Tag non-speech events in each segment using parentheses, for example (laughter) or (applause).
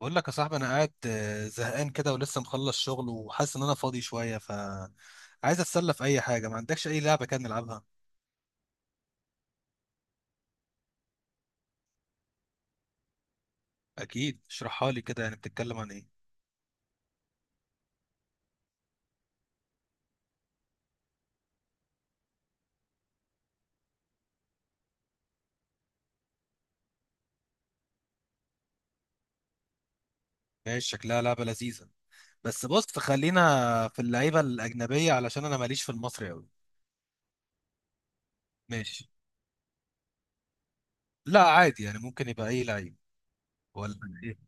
بقول لك يا صاحبي، انا قاعد زهقان كده ولسه مخلص شغل وحاسس ان انا فاضي شويه ف عايز اتسلى في اي حاجه، ما عندكش اي لعبه كده نلعبها؟ اكيد، اشرحها لي كده، يعني بتتكلم عن ايه؟ ماشي، شكلها لعبه لذيذه. بس بص، خلينا في اللعيبه الاجنبيه علشان انا ماليش في المصري قوي. ماشي. لا عادي يعني، ممكن يبقى اي لعيب ولا ايه.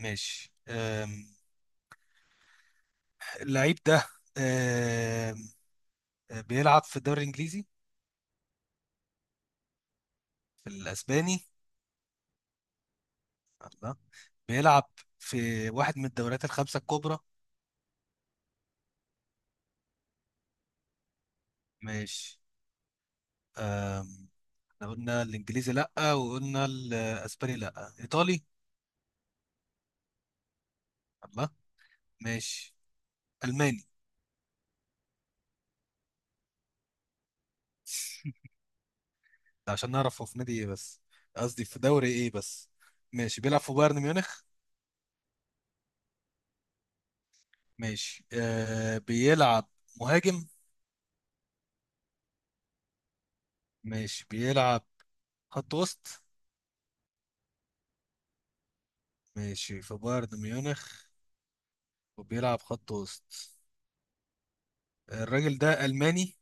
ماشي. اللعيب ده أم، بيلعب في الدوري الانجليزي؟ في الاسباني؟ لا، بيلعب في واحد من الدوريات الخمسه الكبرى. ماشي. أم، احنا قلنا الانجليزي لا، وقلنا الاسباني لا. ايطالي؟ الله. ماشي، الماني. (laughs) ده عشان نعرف هو في نادي ايه بس، قصدي في دوري ايه بس. ماشي، بيلعب في بايرن ميونخ. ماشي، بيلعب مهاجم؟ ماشي، بيلعب خط وسط. ماشي، في بايرن ميونخ وبيلعب خط وسط، الراجل ده ألماني.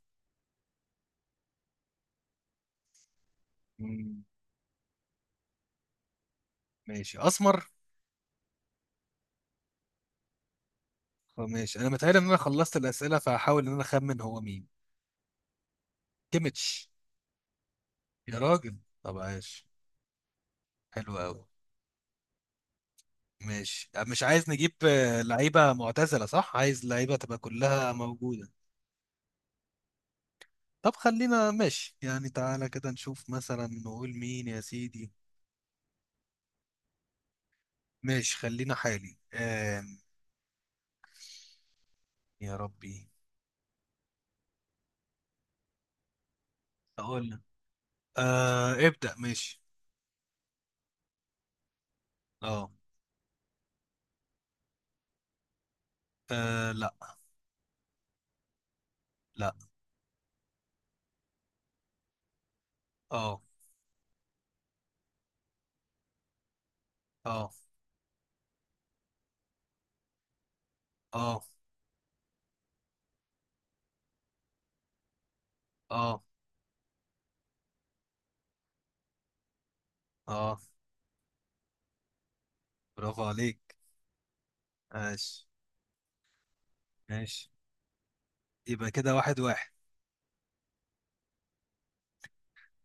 مم، ماشي، أسمر. ماشي. أنا متهيألي إن أنا خلصت الأسئلة، فهحاول إن أنا أخمن هو مين. كيميتش. يا راجل، طب عاش. حلو قوي. ماشي، مش عايز نجيب لعيبة معتزلة. صح، عايز لعيبة تبقى كلها موجودة. طب خلينا. ماشي يعني، تعالى كده نشوف مثلا نقول مين يا سيدي. ماشي، خلينا حالي. يا ربي. اقول لك. ابدأ ماشي. اه. آه، لا. لا. اه. اه. اه. اه. اه. برافو عليك. ماشي. ماشي، يبقى كده 1-1.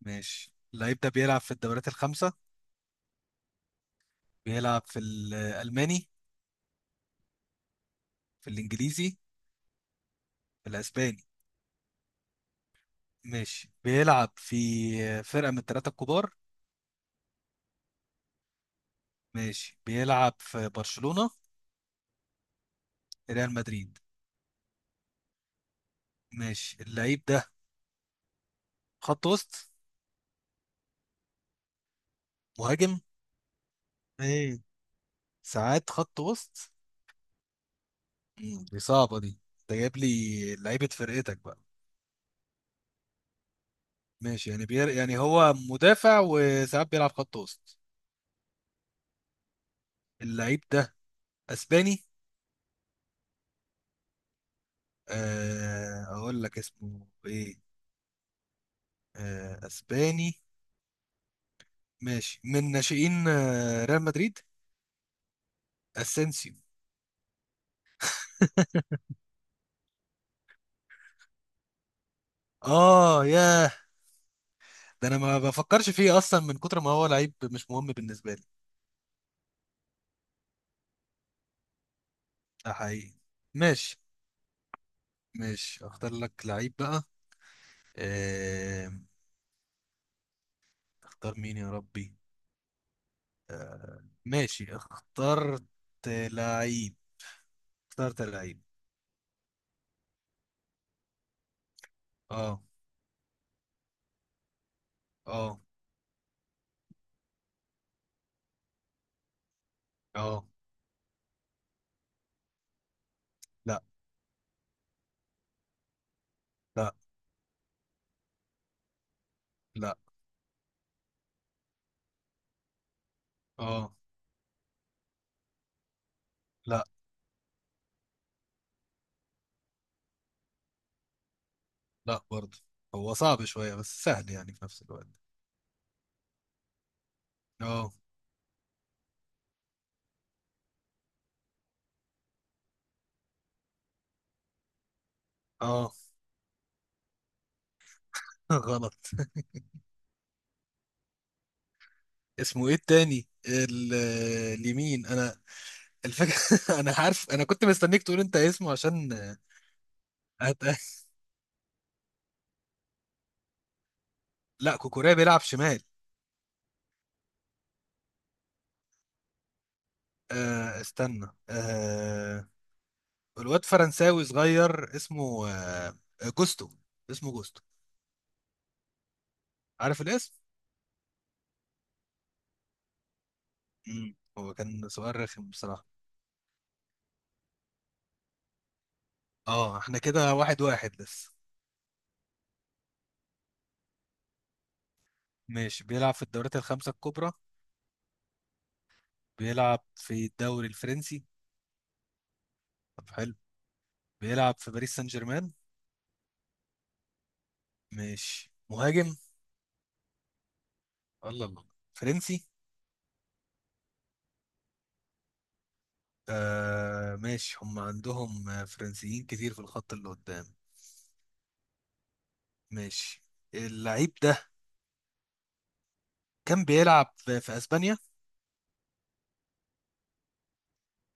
ماشي، اللعيب ده بيلعب في الدوريات الخمسة. بيلعب في الألماني؟ في الإنجليزي؟ في الأسباني؟ ماشي، بيلعب في فرقة من الثلاثة الكبار. ماشي، بيلعب في برشلونة؟ ريال مدريد؟ ماشي، اللعيب ده خط وسط؟ مهاجم؟ مم. ساعات خط وسط؟ دي صعبة دي. انت جايب لي لعيبة فرقتك بقى. ماشي يعني يعني هو مدافع وساعات بيلعب خط وسط. اللعيب ده اسباني. اقول لك اسمه ايه. اسباني. ماشي، من ناشئين ريال مدريد. اسينسيو. اه، ياه. ده انا ما بفكرش فيه اصلا من كتر ما هو لعيب مش مهم بالنسبه لي. ده حقيقي. ماشي. ماشي، اختار لك لعيب بقى. آه... اختار مين يا ربي. ماشي، لعيب اخترت لعيب. اه. اه. اه. لا. لا. لا. اه. لا. لا برضه. هو صعب شويه، بس سهل يعني في نفس الوقت. اه. اه. (laughs) غلط. اسمه ايه التاني؟ اليمين انا. الفكرة (laughs) انا عارف، انا كنت مستنيك تقول انت اسمه عشان هت... (laughs) لا، كوكوريا بيلعب شمال. استنى. الواد فرنساوي صغير اسمه جوستو. اسمه جوستو. عارف الاسم؟ مم. هو كان سؤال رخم بصراحة. اه، احنا كده 1-1 لسه. ماشي، بيلعب في الدوريات الخمسة الكبرى. بيلعب في الدوري الفرنسي. طب حلو. بيلعب في باريس سان جيرمان. ماشي، مهاجم. الله الله. فرنسي. ماشي، هم عندهم فرنسيين كتير في الخط اللي قدام. ماشي، اللعيب ده كان بيلعب في اسبانيا.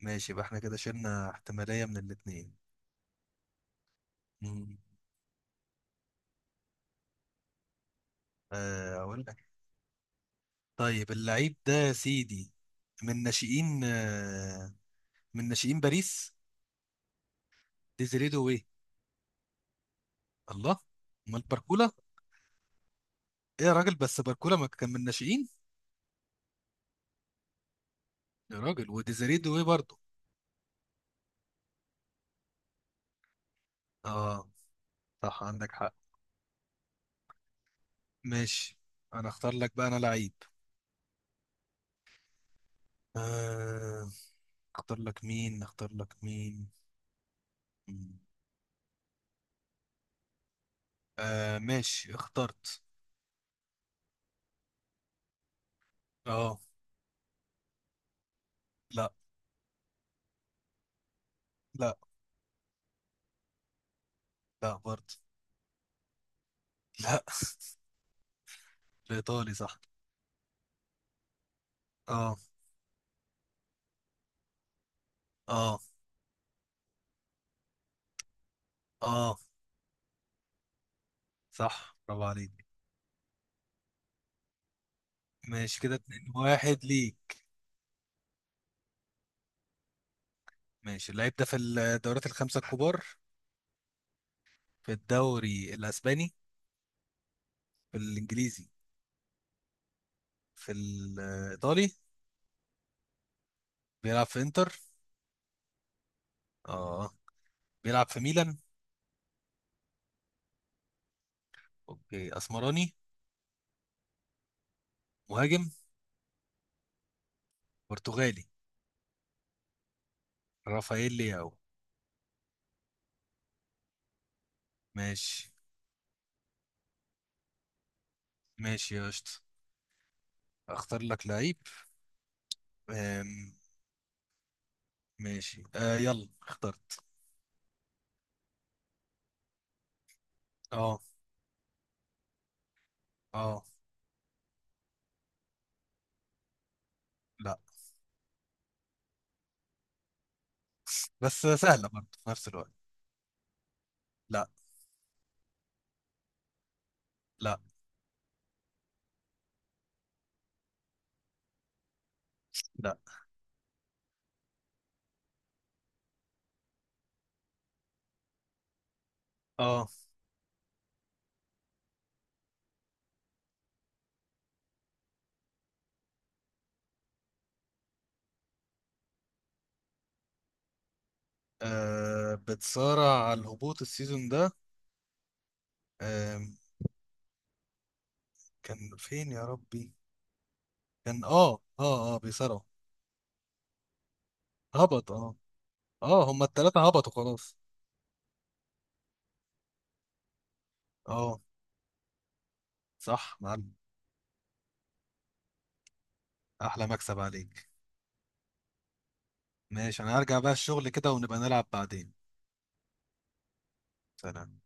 ماشي، يبقى احنا كده شلنا احتمالية من الاتنين. مم. اقول لك. طيب اللعيب ده يا سيدي، من ناشئين آه من ناشئين باريس. ديزيري دوي. الله. امال باركولا؟ ايه يا راجل؟ بس باركولا ما كان من ناشئين. يا راجل، وديزيري دوي برضه. اه، صح عندك حق. ماشي. انا اختار لك بقى انا لعيب. آه، اختار لك مين؟ اختار لك مين؟ مم. ماشي، اخترت. اه. لا. لا. لا برضه. لا. (laughs) الايطالي صح. اه. اه. اه. صح، برافو عليك. ماشي، كده 2-1 ليك. ماشي، اللعيب ده في الدوريات الخمسة الكبار. في الدوري الاسباني؟ في الانجليزي؟ في الايطالي؟ بيلعب في انتر؟ اه، بيلعب في ميلان. اوكي، اسمراني. مهاجم. برتغالي. رافائيل لياو. ماشي. ماشي يا قشطة، اختار لك لعيب. أم، ماشي، يلا اخترت. اه. اه. لا. بس سهلة برضه في نفس الوقت. لا. لا. لا. اه. بتصارع على الهبوط السيزون ده. آم، كان فين يا ربي؟ كان اه بيصارعوا. هبط، اه. اه، هما التلاتة هبطوا خلاص. اه، صح معلم. احلى مكسب عليك. ماشي، انا هرجع بقى الشغل كده ونبقى نلعب بعدين. سلام.